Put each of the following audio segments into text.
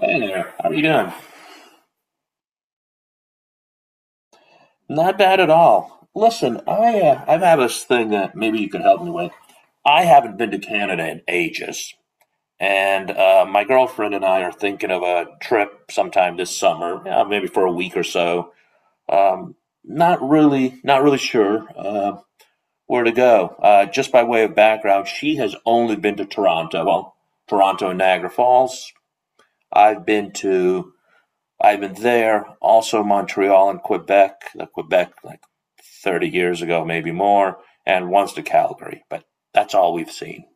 Hey there, how are you doing? Not bad at all. Listen, I've had this thing that maybe you can help me with. I haven't been to Canada in ages, and my girlfriend and I are thinking of a trip sometime this summer, yeah, maybe for a week or so. Um, not really sure where to go. Just by way of background, she has only been to Toronto, well, Toronto and Niagara Falls. I've been to I've been there, also Montreal and Quebec, the Quebec like 30 years ago, maybe more, and once to Calgary, but that's all we've seen.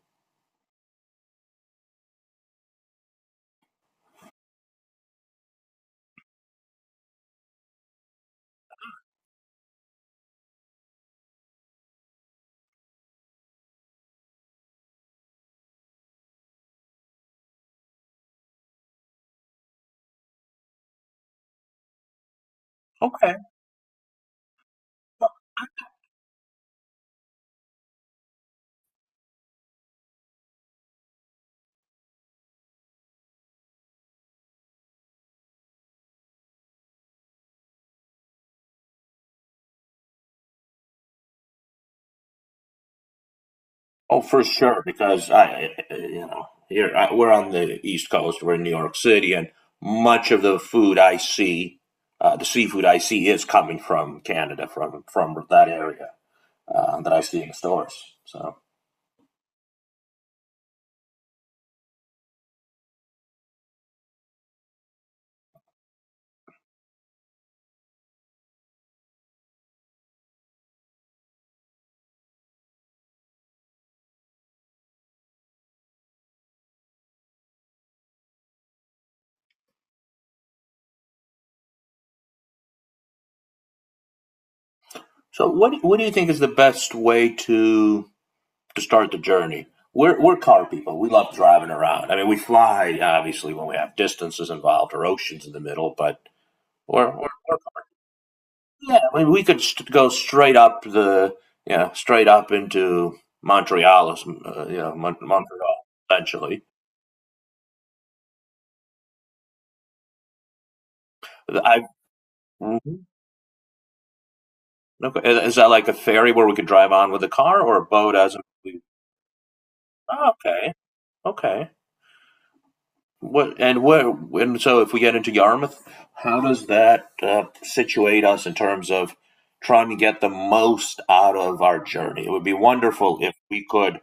Okay. Oh, for sure, because I, you know, here I, we're on the East Coast, we're in New York City, and much of the food I see, the seafood I see, is coming from Canada, from that area that I see in the stores. So, so what do you think is the best way to start the journey? We're car people. We love driving around. I mean, we fly obviously when we have distances involved or oceans in the middle, but we're yeah. I mean, we could go straight up the straight up into Montreal, Montreal essentially. I Mhm. Okay. Is that like a ferry where we could drive on with a car or a boat as a — oh, okay, okay. What and where and so if we get into Yarmouth, how does that situate us in terms of trying to get the most out of our journey? It would be wonderful if we could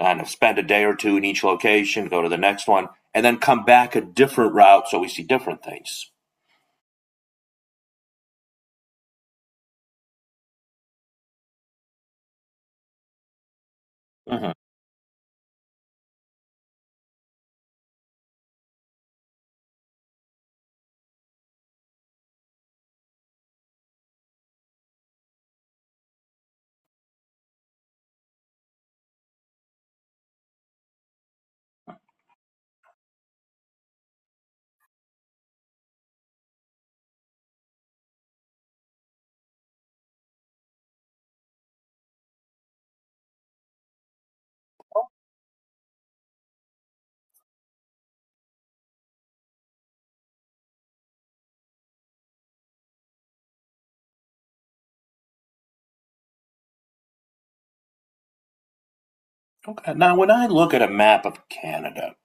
kind of spend a day or two in each location, go to the next one, and then come back a different route so we see different things. Hmm. Okay. Now, when I look at a map of Canada,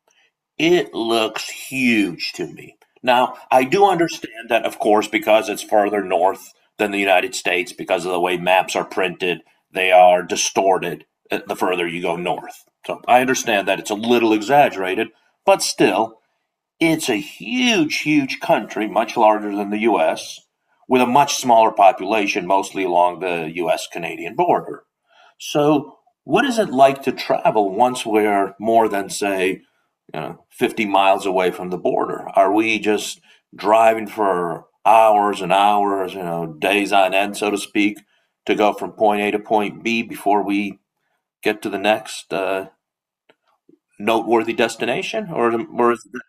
it looks huge to me. Now, I do understand that, of course, because it's further north than the United States, because of the way maps are printed, they are distorted the further you go north. So I understand that it's a little exaggerated, but still, it's a huge, huge country, much larger than the U.S., with a much smaller population, mostly along the U.S. Canadian border. So, what is it like to travel once we're more than, say, you know, 50 miles away from the border? Are we just driving for hours and hours, you know, days on end, so to speak, to go from point A to point B before we get to the next noteworthy destination? Or is it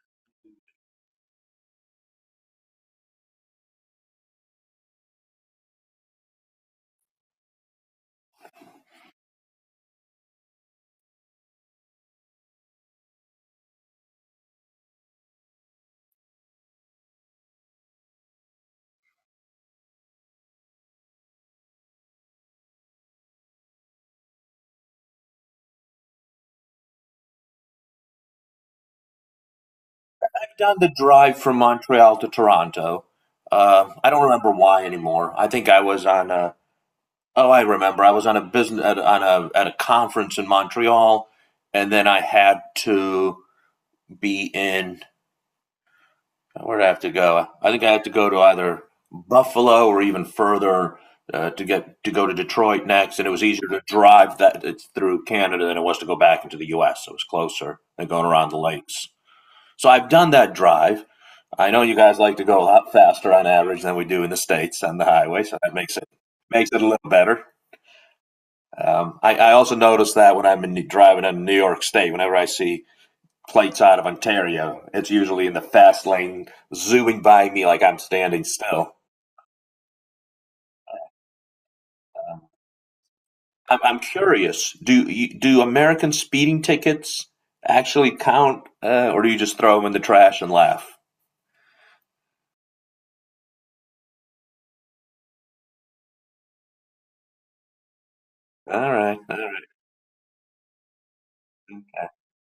like down the drive from Montreal to Toronto? I don't remember why anymore. I think I was on a, oh, I remember. I was on a business, at, on a, at a conference in Montreal, and then I had to be in — where'd I have to go? I think I have to go to either Buffalo or even further to get to go to Detroit next. And it was easier to drive that it's through Canada than it was to go back into the U.S. So it was closer than going around the lakes. So I've done that drive. I know you guys like to go a lot faster on average than we do in the states on the highway, so that makes it a little better. I also noticed that when I'm in, driving in New York State, whenever I see plates out of Ontario. It's usually in the fast lane, zooming by me like I'm standing still. I'm curious. Do American speeding tickets actually count, or do you just throw them in the trash and laugh? All right, all right.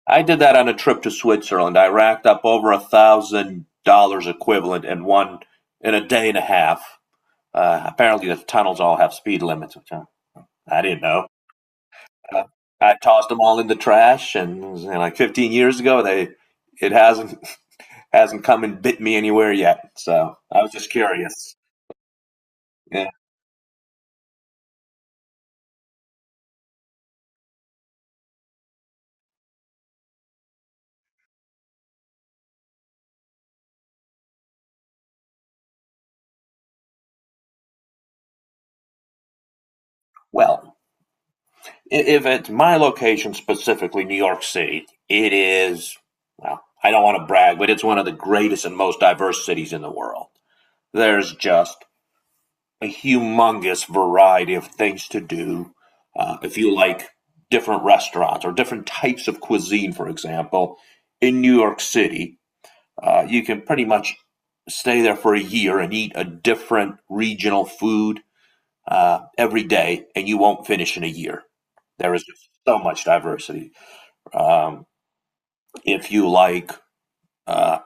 I did that on a trip to Switzerland. I racked up over $1,000 equivalent in one in a day and a half. Apparently, the tunnels all have speed limits, which I didn't know. Uh, I tossed them all in the trash, and it was, you know, like 15 years ago, they it hasn't come and bit me anywhere yet. So I was just curious. Yeah. Well, if it's my location specifically, New York City, it is. Well, I don't want to brag, but it's one of the greatest and most diverse cities in the world. There's just a humongous variety of things to do. If you like different restaurants or different types of cuisine, for example, in New York City, you can pretty much stay there for a year and eat a different regional food every day, and you won't finish in a year. There is just so much diversity. Um, if you like uh,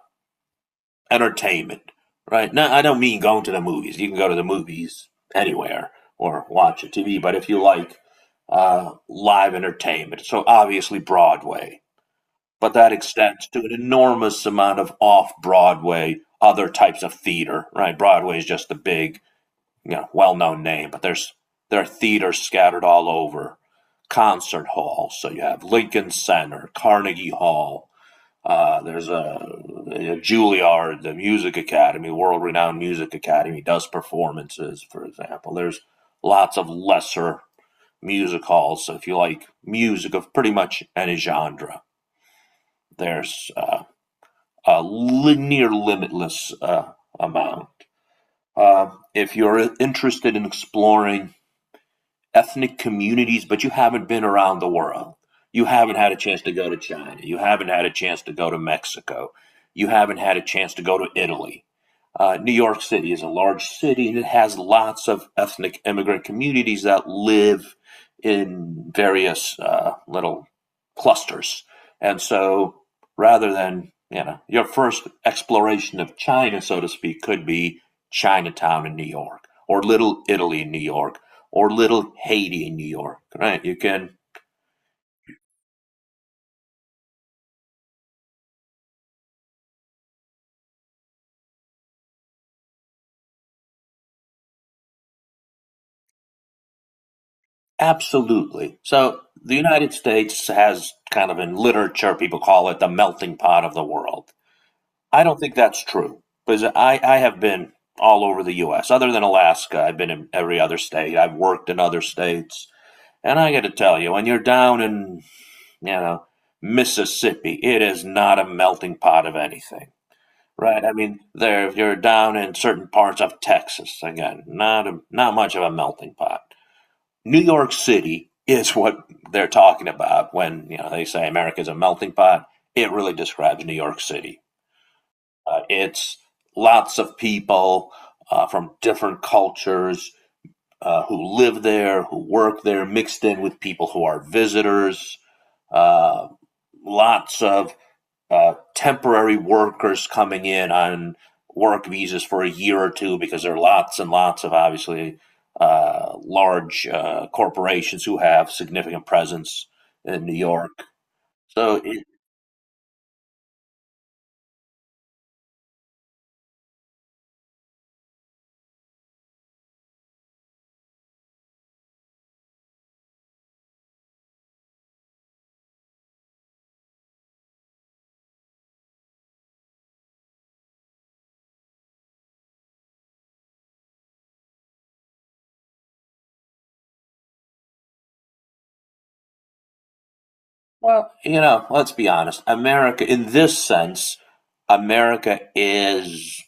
entertainment, right? Now, I don't mean going to the movies. You can go to the movies anywhere or watch a TV, but if you like live entertainment, so obviously Broadway. But that extends to an enormous amount of off-Broadway, other types of theater, right? Broadway is just the big, you know, well-known name, but there are theaters scattered all over, concert halls. So you have Lincoln Center, Carnegie Hall. Uh, there's a, a Juilliard, the Music Academy, world-renowned Music Academy, does performances, for example. There's lots of lesser music halls, so if you like music of pretty much any genre. There's uh, Near limitless amount. If you're interested in exploring ethnic communities, but you haven't been around the world. You haven't had a chance to go to China. You haven't had a chance to go to Mexico. You haven't had a chance to go to Italy. New York City is a large city and it has lots of ethnic immigrant communities that live in various little clusters. And so rather than, you know, your first exploration of China, so to speak, could be Chinatown in New York or Little Italy in New York or Little Haiti in New York, right? You can absolutely. So the United States has kind of in literature, people call it the melting pot of the world. I don't think that's true because I have been all over the US. Other than Alaska, I've been in every other state. I've worked in other states. And I got to tell you, when you're down in, you know, Mississippi, it is not a melting pot of anything. Right. I mean, there you're down in certain parts of Texas again. Not much of a melting pot. New York City is what they're talking about when you know they say America's a melting pot. It really describes New York City. It's lots of people from different cultures who live there, who work there, mixed in with people who are visitors. Uh, Lots of temporary workers coming in on work visas for a year or two because there are lots and lots of obviously large corporations who have significant presence in New York. So, it, well, you know, let's be honest. America, in this sense, America is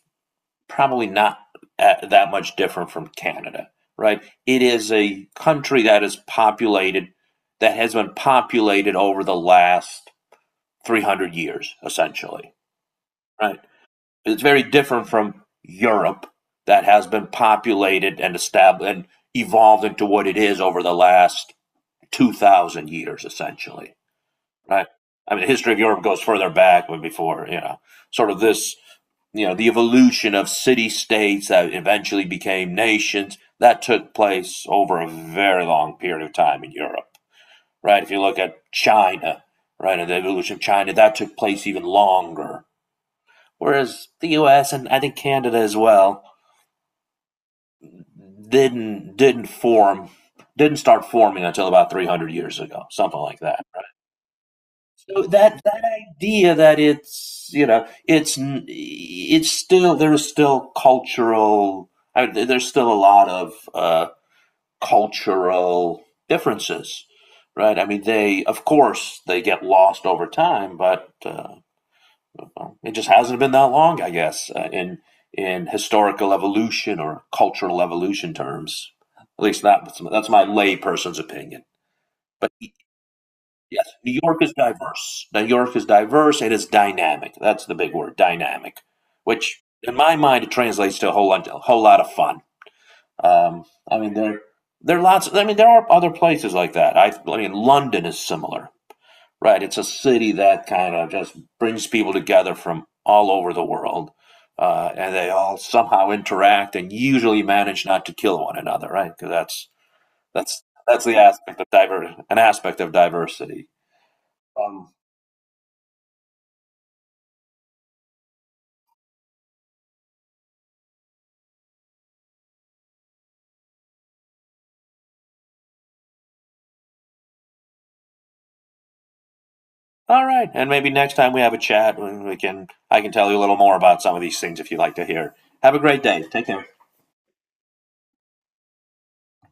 probably not that much different from Canada, right? It is a country that is populated, that has been populated over the last 300 years, essentially, right? It's very different from Europe that has been populated and established and evolved into what it is over the last 2,000 years, essentially, right? I mean, the history of Europe goes further back when before, you know, sort of this, you know, the evolution of city states that eventually became nations that took place over a very long period of time in Europe, right? If you look at China, right, and the evolution of China, that took place even longer, whereas the U.S. and I think Canada as well didn't didn't form didn't start forming until about 300 years ago, something like that. So that idea that it's you know it's still there's still cultural — I mean, there's still a lot of cultural differences, right? I mean, they of course they get lost over time, but well, it just hasn't been that long, I guess, in historical evolution or cultural evolution terms. At least that's my layperson's opinion. But yes, New York is diverse. New York is diverse. It is dynamic. That's the big word, dynamic, which in my mind it translates to a whole lot of fun. Um, I mean, there are lots. I mean, there are other places like that. I mean, London is similar. Right. It's a city that kind of just brings people together from all over the world. And they all somehow interact and usually manage not to kill one another, right? Because that's the aspect of diver an aspect of diversity. Um, all right, and maybe next time we have a chat, we can I can tell you a little more about some of these things if you'd like to hear. Have a great day. Take care.